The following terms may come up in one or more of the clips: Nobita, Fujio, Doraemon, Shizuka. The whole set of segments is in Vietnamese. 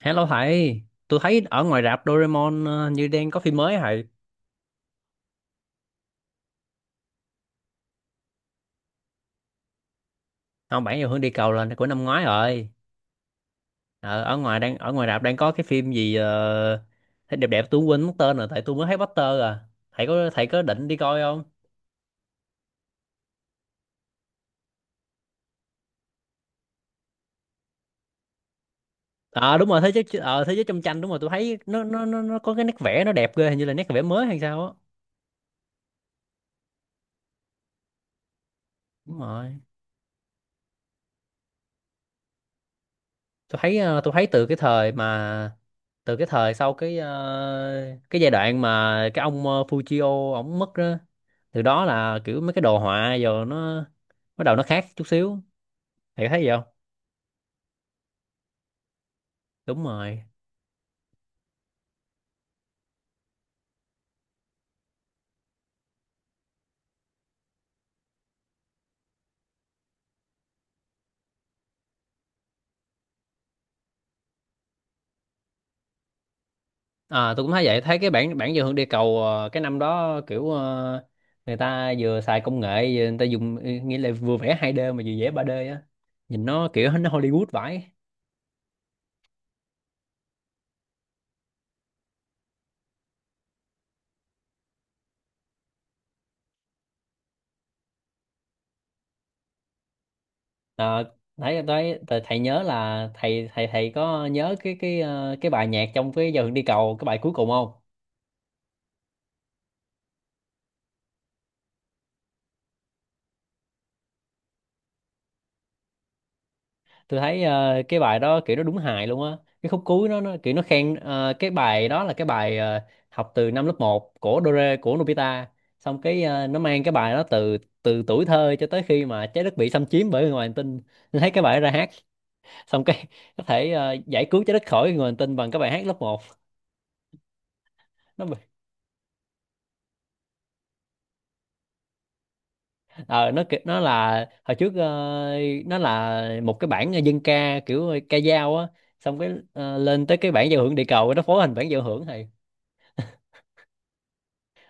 Hello thầy, tôi thấy ở ngoài rạp Doraemon như đang có phim mới hả thầy. Không, bản giao hưởng địa cầu là của năm ngoái rồi. Ờ, Ở ngoài đang ở ngoài rạp đang có cái phim gì thấy đẹp đẹp tôi quên mất tên rồi tại tôi mới thấy poster à. Thầy có định đi coi không? Ờ đúng rồi, thế giới thế giới trong tranh, đúng rồi tôi thấy nó có cái nét vẽ nó đẹp ghê, hình như là nét vẽ mới hay sao á. Đúng rồi. Tôi thấy tôi thấy từ cái thời mà từ cái thời sau cái cái giai đoạn mà cái ông Fujio ổng mất đó, từ đó là kiểu mấy cái đồ họa giờ nó bắt đầu nó khác chút xíu thì thấy gì không. Đúng rồi. À tôi cũng thấy vậy, thấy cái bản bản dự hưởng địa cầu cái năm đó kiểu người ta vừa xài công nghệ vừa người ta dùng, nghĩa là vừa vẽ 2D mà vừa vẽ 3D á, nhìn nó kiểu nó Hollywood vãi. Ờ, đấy đấy thầy, thầy nhớ là thầy thầy thầy có nhớ cái cái bài nhạc trong cái giờ Hương đi cầu cái bài cuối cùng không? Tôi thấy cái bài đó kiểu nó đúng hài luôn á. Cái khúc cuối nó kiểu nó khen cái bài đó là cái bài học từ năm lớp 1 của Dore của Nobita. Xong cái nó mang cái bài đó từ từ tuổi thơ cho tới khi mà trái đất bị xâm chiếm bởi người ngoài hành tinh. Tôi thấy cái bài đó ra hát xong cái có thể giải cứu trái đất khỏi người ngoài hành tinh bằng cái bài hát lớp 1. Nó nó là hồi trước, nó là một cái bản dân ca kiểu ca dao á, xong cái lên tới cái bản giao hưởng địa cầu nó phối thành bản giao hưởng thầy.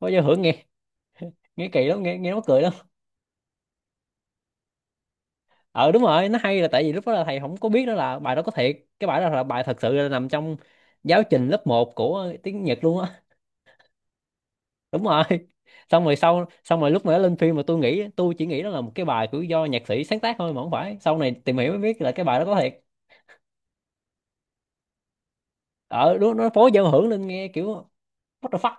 Phối giao hưởng nghe nghe kỳ lắm, nghe nghe nó cười lắm. Ờ đúng rồi, nó hay là tại vì lúc đó là thầy không có biết đó là bài đó có thiệt, cái bài đó là bài thật sự là nằm trong giáo trình lớp 1 của tiếng Nhật luôn á. Đúng rồi. Xong rồi lúc mà nó lên phim mà tôi chỉ nghĩ đó là một cái bài của do nhạc sĩ sáng tác thôi, mà không phải, sau này tìm hiểu mới biết là cái bài đó có thiệt. Ờ đúng, nó phối giao hưởng lên nghe kiểu What the fuck?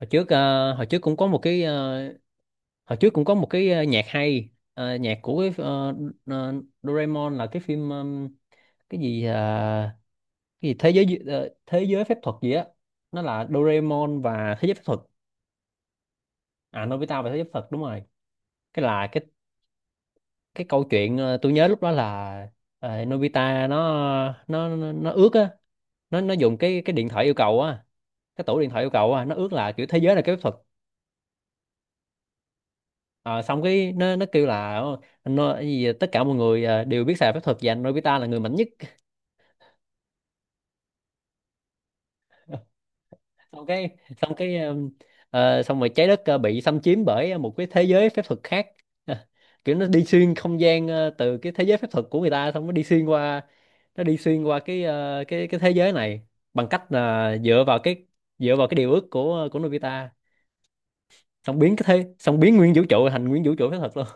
Hồi trước cũng có một cái ờ, hồi trước cũng có một cái ờ, nhạc hay. Ờ, nhạc của cái ờ, Doraemon là cái phim, cái gì cái gì thế giới thế giới phép thuật gì á. Nó là Doraemon và thế giới phép thuật. À, Nobita và thế giới phép thuật, đúng rồi. Cái là cái câu chuyện tôi nhớ lúc đó là Nobita nó ước á, nó dùng cái điện thoại yêu cầu á, cái tủ điện thoại yêu cầu á, nó ước là kiểu thế giới là cái phép thuật. Ờ, xong cái nó kêu là nó cái gì tất cả mọi người đều biết xài phép thuật và anh Nobita là người mạnh nhất. xong cái xong cái um, xong rồi trái đất bị xâm chiếm bởi một cái thế giới phép thuật khác. Kiểu nó đi xuyên không gian từ cái thế giới phép thuật của người ta xong nó đi xuyên qua cái cái thế giới này bằng cách là dựa vào cái điều ước của Nobita, xong biến cái thế xong biến nguyên vũ trụ thành nguyên vũ trụ phép thuật luôn.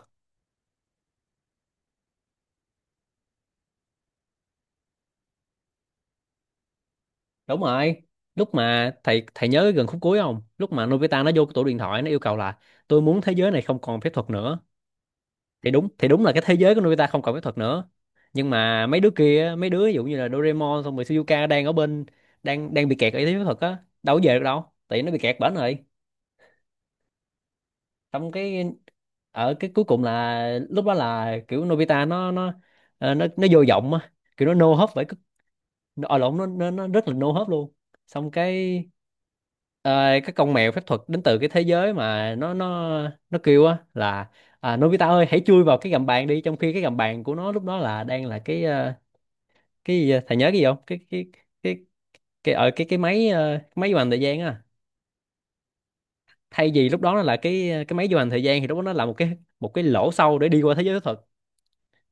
Đúng rồi, lúc mà thầy thầy nhớ gần khúc cuối không, lúc mà Nobita nó vô cái tủ điện thoại nó yêu cầu là tôi muốn thế giới này không còn phép thuật nữa, thì đúng là cái thế giới của Nobita không còn phép thuật nữa, nhưng mà mấy đứa kia, mấy đứa ví dụ như là Doraemon xong rồi Shizuka, đang ở bên đang đang bị kẹt ở thế giới phép thuật á, đâu có về được đâu tại vì nó bị kẹt bển rồi, xong cái, ở cái cuối cùng là lúc đó là kiểu Nobita nó ờ, nó vô vọng á, kiểu nó no hope, với ở lộn, nó rất là no hope luôn. Xong cái ờ, cái con mèo phép thuật đến từ cái thế giới mà nó nó kêu á là, à, Nobita ơi hãy chui vào cái gầm bàn đi, trong khi cái gầm bàn của nó lúc đó là đang là cái, cái gì vậy? Thầy nhớ cái gì không? Cái cái cái ở cái máy ờ, cái máy du hành thời gian á. Thay vì lúc đó nó là cái máy du hành thời gian, thì lúc đó nó là một cái lỗ sâu để đi qua thế giới phép thuật.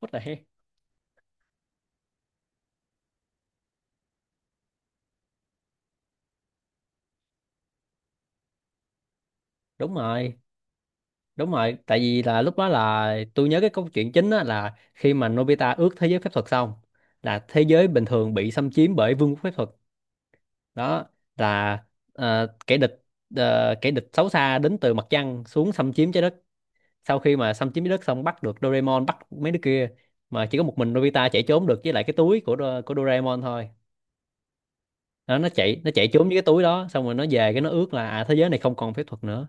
What the heck? Đúng rồi. Đúng rồi, tại vì là lúc đó là tôi nhớ cái câu chuyện chính á là khi mà Nobita ước thế giới phép thuật xong là thế giới bình thường bị xâm chiếm bởi vương quốc phép thuật. Đó là kẻ địch kẻ địch xấu xa đến từ mặt trăng xuống xâm chiếm trái đất. Sau khi mà xâm chiếm trái đất xong, bắt được Doraemon, bắt mấy đứa kia, mà chỉ có một mình Nobita chạy trốn được với lại cái túi của Doraemon thôi. Đó, nó chạy trốn với cái túi đó, xong rồi nó về cái nó ước là, à, thế giới này không còn phép thuật nữa.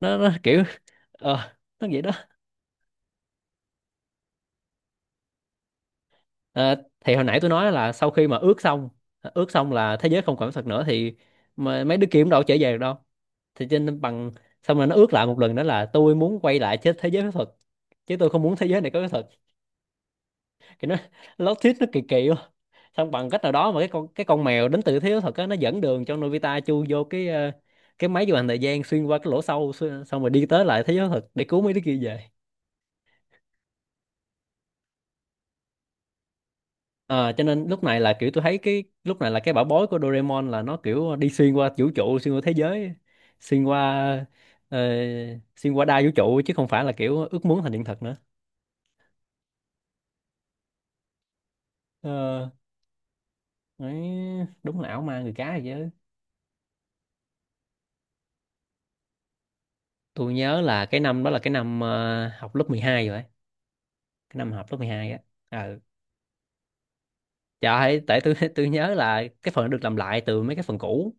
Nó kiểu ờ, nó vậy đó. Ờ, thì hồi nãy tôi nói là, sau khi mà ước xong là thế giới không còn có thật nữa thì mà mấy đứa kia cũng đâu có trở về được đâu, thì cho nên bằng, xong rồi nó ước lại một lần đó là, tôi muốn quay lại thế thế giới phép thuật chứ tôi không muốn thế giới này có cái thật, thì nó lót thuyết nó kỳ kỳ quá, xong bằng cách nào đó mà cái con mèo đến từ thế giới phép á nó dẫn đường cho Nobita chui vô cái, cái máy du hành thời gian xuyên qua cái lỗ sâu, xong rồi đi tới lại thế giới thật để cứu mấy đứa kia về. Ờ, cho nên lúc này là kiểu tôi thấy cái lúc này là cái bảo bối của Doraemon là nó kiểu đi xuyên qua vũ trụ, xuyên qua thế giới, xuyên qua ờ, xuyên qua đa vũ trụ, chứ không phải là kiểu ước muốn thành hiện thực nữa. Ờ, đấy, đúng là ảo ma người cá rồi chứ. Tôi nhớ là cái năm đó là cái năm học lớp 12 rồi ấy, cái năm học lớp 12 á. Ờ, trời ơi, tại tôi tôi nhớ là cái phần nó được làm lại từ mấy cái phần cũ.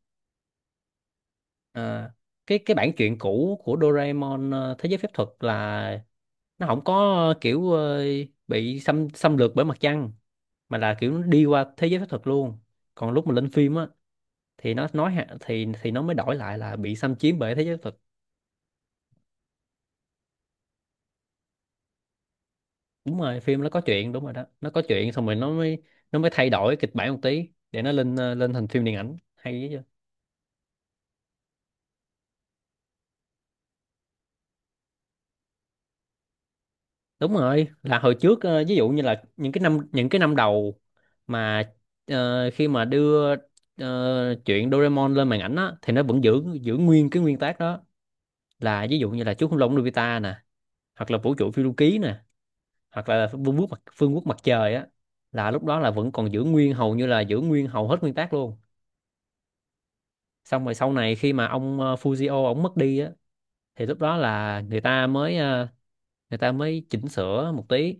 Ờ, cái bản truyện cũ của Doraemon Thế giới phép thuật là nó không có ờ, kiểu ờ, bị xâm xâm lược bởi mặt trăng, mà là kiểu nó đi qua thế giới phép thuật luôn. Còn lúc mà lên phim á thì nó thì nó mới đổi lại là bị xâm chiếm bởi thế giới phép thuật. Đúng rồi, phim nó có chuyện đúng rồi đó. Nó có chuyện xong rồi nó mới thay đổi kịch bản một tí để nó lên lên thành phim điện ảnh hay. Đúng rồi, là hồi trước, ví dụ như là những cái năm đầu mà khi mà đưa chuyện Doraemon lên màn ảnh á thì nó vẫn giữ giữ nguyên cái nguyên tác đó, là ví dụ như là chú khủng long Nobita nè, hoặc là vũ trụ phiêu lưu ký nè, hoặc là vương quốc mặt trời á, là lúc đó là vẫn còn giữ nguyên, hầu như là giữ nguyên hầu hết nguyên tác luôn. Xong rồi sau này khi mà ông Fujio ông mất đi á thì lúc đó là người ta mới, người ta mới chỉnh sửa một tí,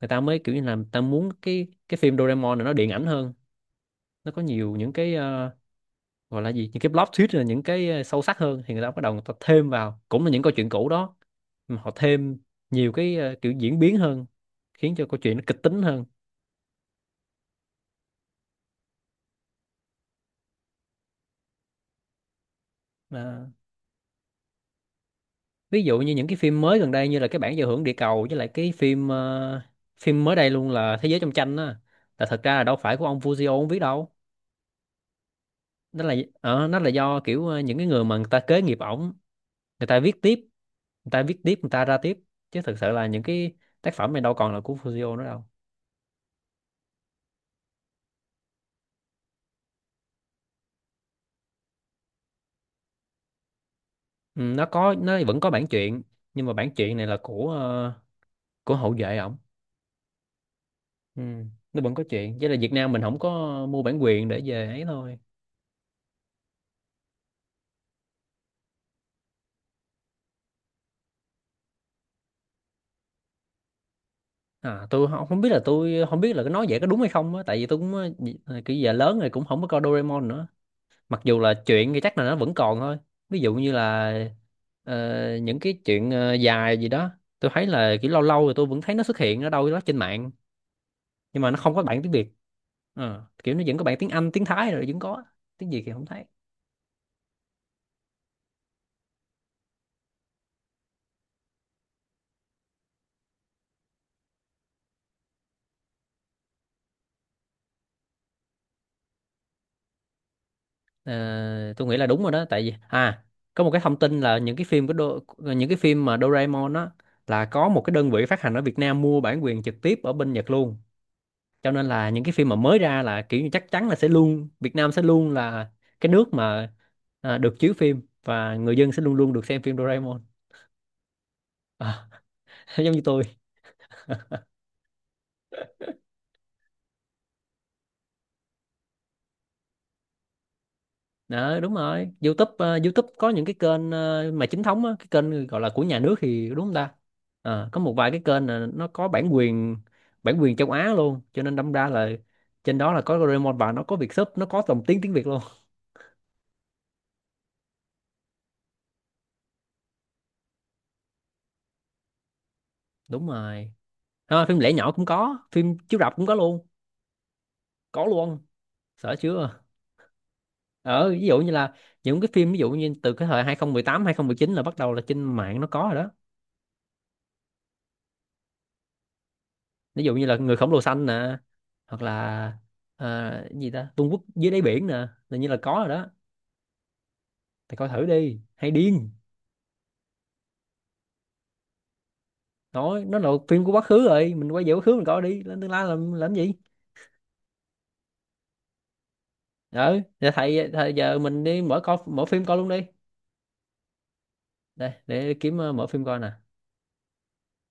người ta mới kiểu như là người ta muốn cái phim Doraemon này nó điện ảnh hơn, nó có nhiều những cái gọi là gì, những cái plot twist, là những cái sâu sắc hơn, thì người ta bắt đầu người ta thêm vào cũng là những câu chuyện cũ đó, mà họ thêm nhiều cái kiểu diễn biến hơn, khiến cho câu chuyện nó kịch tính hơn. À, ví dụ như những cái phim mới gần đây như là cái bản giao hưởng địa cầu, với lại cái phim phim mới đây luôn là thế giới trong tranh á, là thật ra là đâu phải của ông Fujio ông viết đâu. Đó là nó là do kiểu những cái người mà người ta kế nghiệp ổng, người ta viết tiếp, người ta ra tiếp, chứ thực sự là những cái tác phẩm này đâu còn là của Fujio nữa đâu. Ừ, nó vẫn có bản truyện, nhưng mà bản truyện này là của của hậu vệ ổng. Ừ, nó vẫn có chuyện, chỉ là Việt Nam mình không có mua bản quyền để về ấy thôi. À, tôi không không biết, là tôi không biết là cái nói vậy có đúng hay không á, tại vì tôi cũng kiểu giờ lớn rồi cũng không có coi Doraemon nữa, mặc dù là chuyện thì chắc là nó vẫn còn thôi. Ví dụ như là những cái chuyện dài gì đó, tôi thấy là kiểu lâu lâu rồi tôi vẫn thấy nó xuất hiện ở đâu đó trên mạng, nhưng mà nó không có bản tiếng Việt. Ờ, kiểu nó vẫn có bản tiếng Anh, tiếng Thái, rồi vẫn có tiếng gì thì không thấy. Ờ, tôi nghĩ là đúng rồi đó, tại vì à có một cái thông tin là những cái phim của những cái phim mà Doraemon á, là có một cái đơn vị phát hành ở Việt Nam mua bản quyền trực tiếp ở bên Nhật luôn, cho nên là những cái phim mà mới ra là kiểu như chắc chắn là sẽ luôn, Việt Nam sẽ luôn là cái nước mà à, được chiếu phim, và người dân sẽ luôn luôn được xem phim Doraemon. À, giống như tôi. Đó, đúng rồi. YouTube, YouTube có những cái kênh mà chính thống á, cái kênh gọi là của nhà nước thì đúng không ta? Ờ, có một vài cái kênh là nó có bản quyền, bản quyền châu Á luôn, cho nên đâm ra là trên đó là có Doraemon, và nó có Việt sub, nó có dòng tiếng tiếng Việt luôn. Đúng rồi. Ờ, phim lẻ nhỏ cũng có, phim chiếu rạp cũng có luôn, có luôn. Sợ chưa? Ờ, ví dụ như là những cái phim ví dụ như từ cái thời 2018 chín là bắt đầu là trên mạng nó có rồi đó. Ví dụ như là Người khổng lồ xanh nè, hoặc là gì ta, Vương quốc dưới đáy biển nè, là như là có rồi đó, thì coi thử đi hay điên. Nói nó là phim của quá khứ rồi mình quay về quá khứ mình coi, đi lên tương lai làm gì. Ừ giờ thầy, thầy giờ mình đi mở coi, mở phim coi luôn đi, đây để kiếm mở phim coi nè